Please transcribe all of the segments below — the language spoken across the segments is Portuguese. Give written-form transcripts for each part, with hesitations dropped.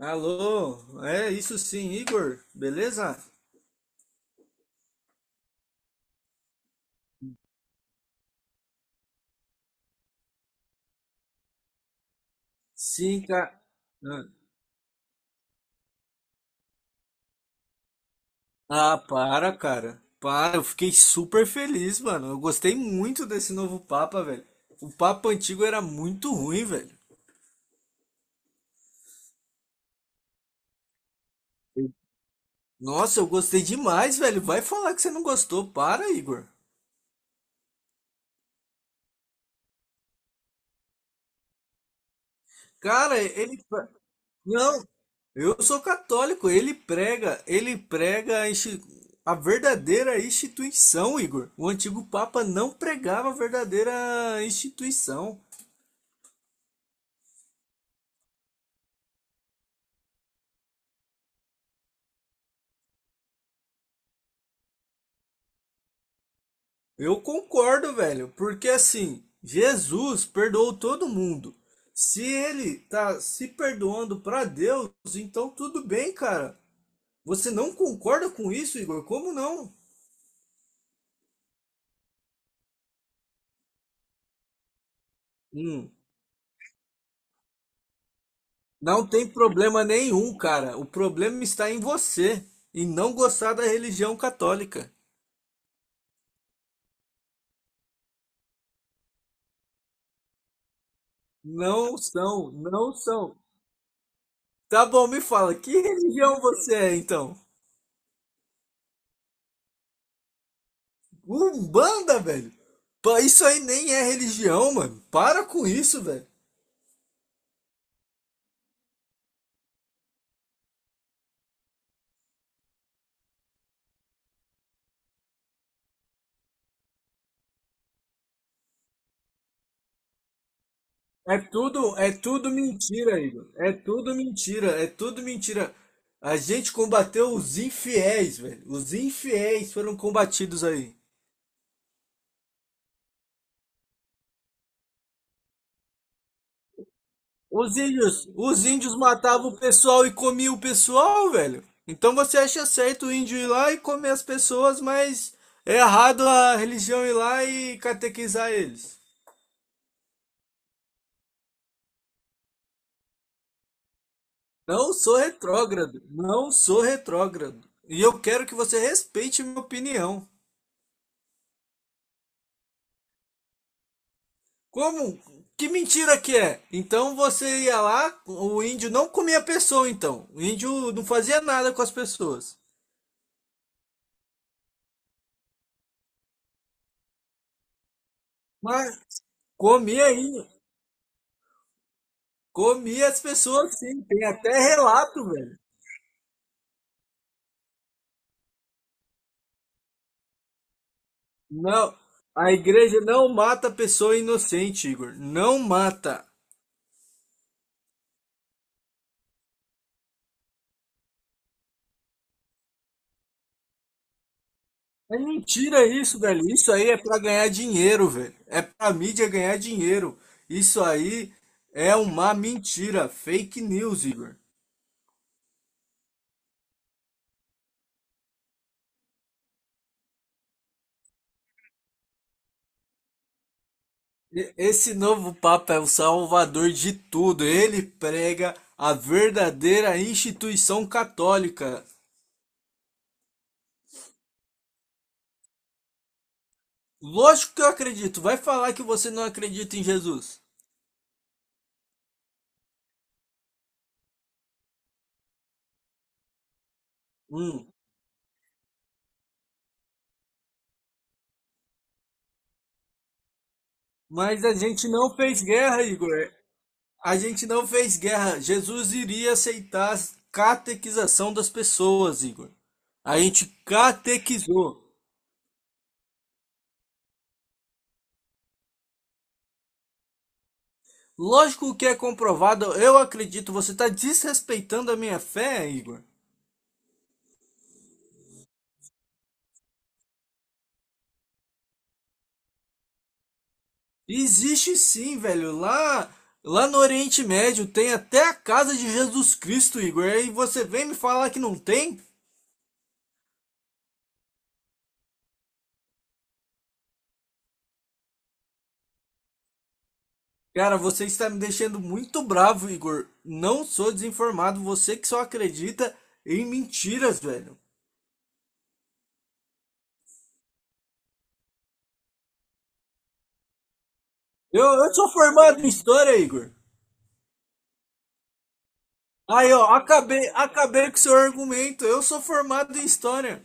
Alô, é isso sim, Igor, beleza? Sim, cara. Ah, para, cara. Para, eu fiquei super feliz, mano. Eu gostei muito desse novo Papa, velho. O Papa antigo era muito ruim, velho. Nossa, eu gostei demais, velho. Vai falar que você não gostou. Para, Igor. Cara, ele. Não, eu sou católico. Ele prega a verdadeira instituição, Igor. O antigo Papa não pregava a verdadeira instituição. Eu concordo, velho, porque assim, Jesus perdoou todo mundo. Se ele tá se perdoando pra Deus, então tudo bem, cara. Você não concorda com isso, Igor? Como não? Hum. Não tem problema nenhum, cara. O problema está em você, em não gostar da religião católica. Não são, não são. Tá bom, me fala, que religião você é então? Umbanda, velho? Pô, isso aí nem é religião, mano. Para com isso, velho. É tudo mentira, Igor. É tudo mentira, é tudo mentira. A gente combateu os infiéis, velho. Os infiéis foram combatidos aí. Os índios matavam o pessoal e comiam o pessoal, velho. Então você acha certo o índio ir lá e comer as pessoas, mas é errado a religião ir lá e catequizar eles. Não sou retrógrado, não sou retrógrado. E eu quero que você respeite minha opinião. Como? Que mentira que é? Então você ia lá, o índio não comia a pessoa então. O índio não fazia nada com as pessoas. Mas comia aí. Comia as pessoas, sim. Tem até relato, velho. Não, a igreja não mata pessoa inocente, Igor. Não mata. É mentira isso, velho. Isso aí é pra ganhar dinheiro, velho. É pra mídia ganhar dinheiro. Isso aí é uma mentira. Fake news, Igor. Esse novo Papa é o salvador de tudo. Ele prega a verdadeira instituição católica. Lógico que eu acredito. Vai falar que você não acredita em Jesus. Hum. Mas a gente não fez guerra, Igor. A gente não fez guerra. Jesus iria aceitar a catequização das pessoas, Igor. A gente catequizou. Lógico que é comprovado, eu acredito, você está desrespeitando a minha fé, Igor. Existe sim, velho. Lá no Oriente Médio tem até a casa de Jesus Cristo, Igor. E você vem me falar que não tem? Cara, você está me deixando muito bravo, Igor. Não sou desinformado, você que só acredita em mentiras, velho. Eu sou formado em história, Igor. Aí, ó, acabei com seu argumento. Eu sou formado em história.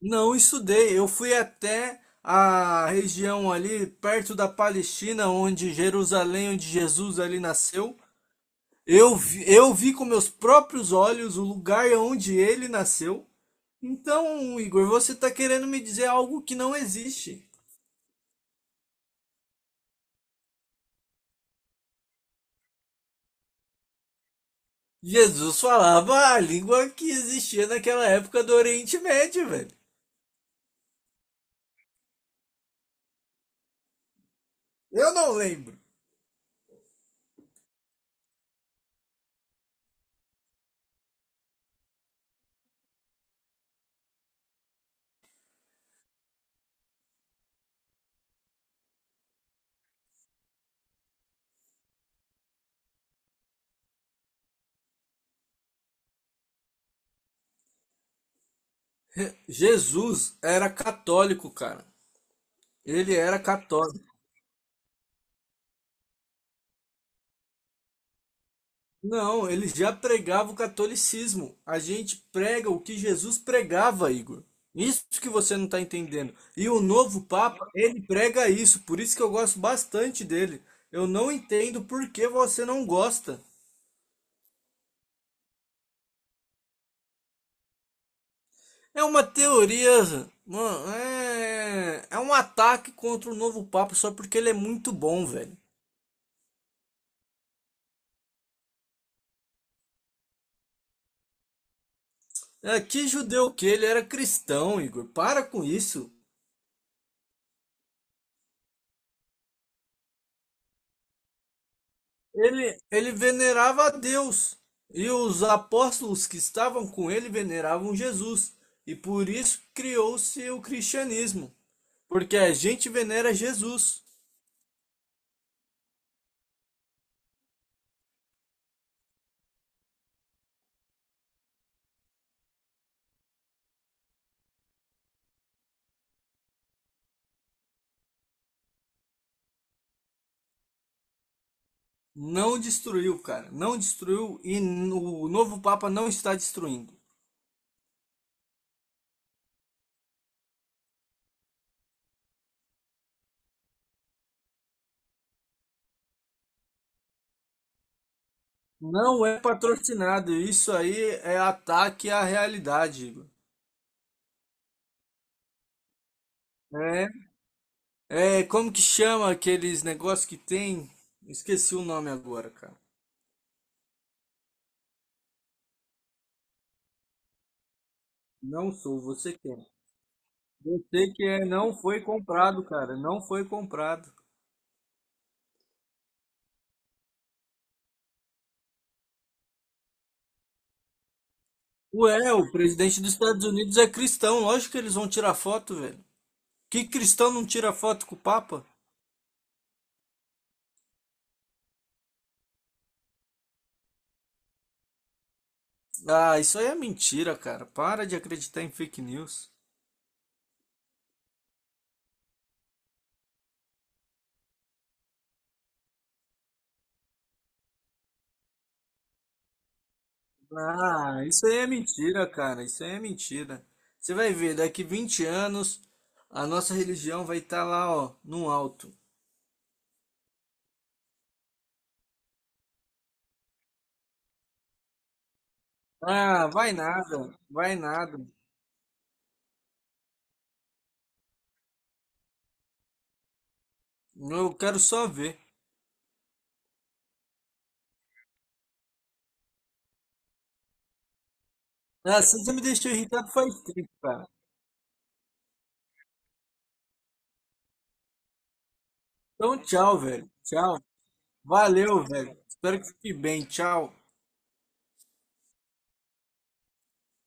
Não estudei. Eu fui até a região ali perto da Palestina, onde Jerusalém, onde Jesus ali nasceu. Eu vi com meus próprios olhos o lugar onde ele nasceu. Então, Igor, você está querendo me dizer algo que não existe. Jesus falava a língua que existia naquela época do Oriente Médio, velho. Eu não lembro. Jesus era católico, cara. Ele era católico. Não, ele já pregava o catolicismo. A gente prega o que Jesus pregava, Igor. Isso que você não está entendendo. E o novo Papa, ele prega isso. Por isso que eu gosto bastante dele. Eu não entendo por que você não gosta. É uma teoria, mano. É um ataque contra o novo Papa só porque ele é muito bom, velho. É, que judeu que ele era cristão, Igor. Para com isso. Ele venerava a Deus e os apóstolos que estavam com ele veneravam Jesus. E por isso criou-se o cristianismo. Porque a gente venera Jesus. Não destruiu, cara. Não destruiu e o novo Papa não está destruindo. Não é patrocinado. Isso aí é ataque à realidade, Igor. É, como que chama aqueles negócios que tem? Esqueci o nome agora, cara. Não sou, você quer. Eu sei que é, não foi comprado, cara, não foi comprado. Ué, o presidente dos Estados Unidos é cristão, lógico que eles vão tirar foto, velho. Que cristão não tira foto com o Papa? Ah, isso aí é mentira, cara. Para de acreditar em fake news. Ah, isso aí é mentira, cara. Isso aí é mentira. Você vai ver, daqui 20 anos, a nossa religião vai estar lá, ó, no alto. Ah, vai nada, vai nada. Eu quero só ver. Ah, você já me deixou irritado faz tempo, cara. Então, tchau, velho. Tchau. Valeu, velho. Espero que fique bem. Tchau.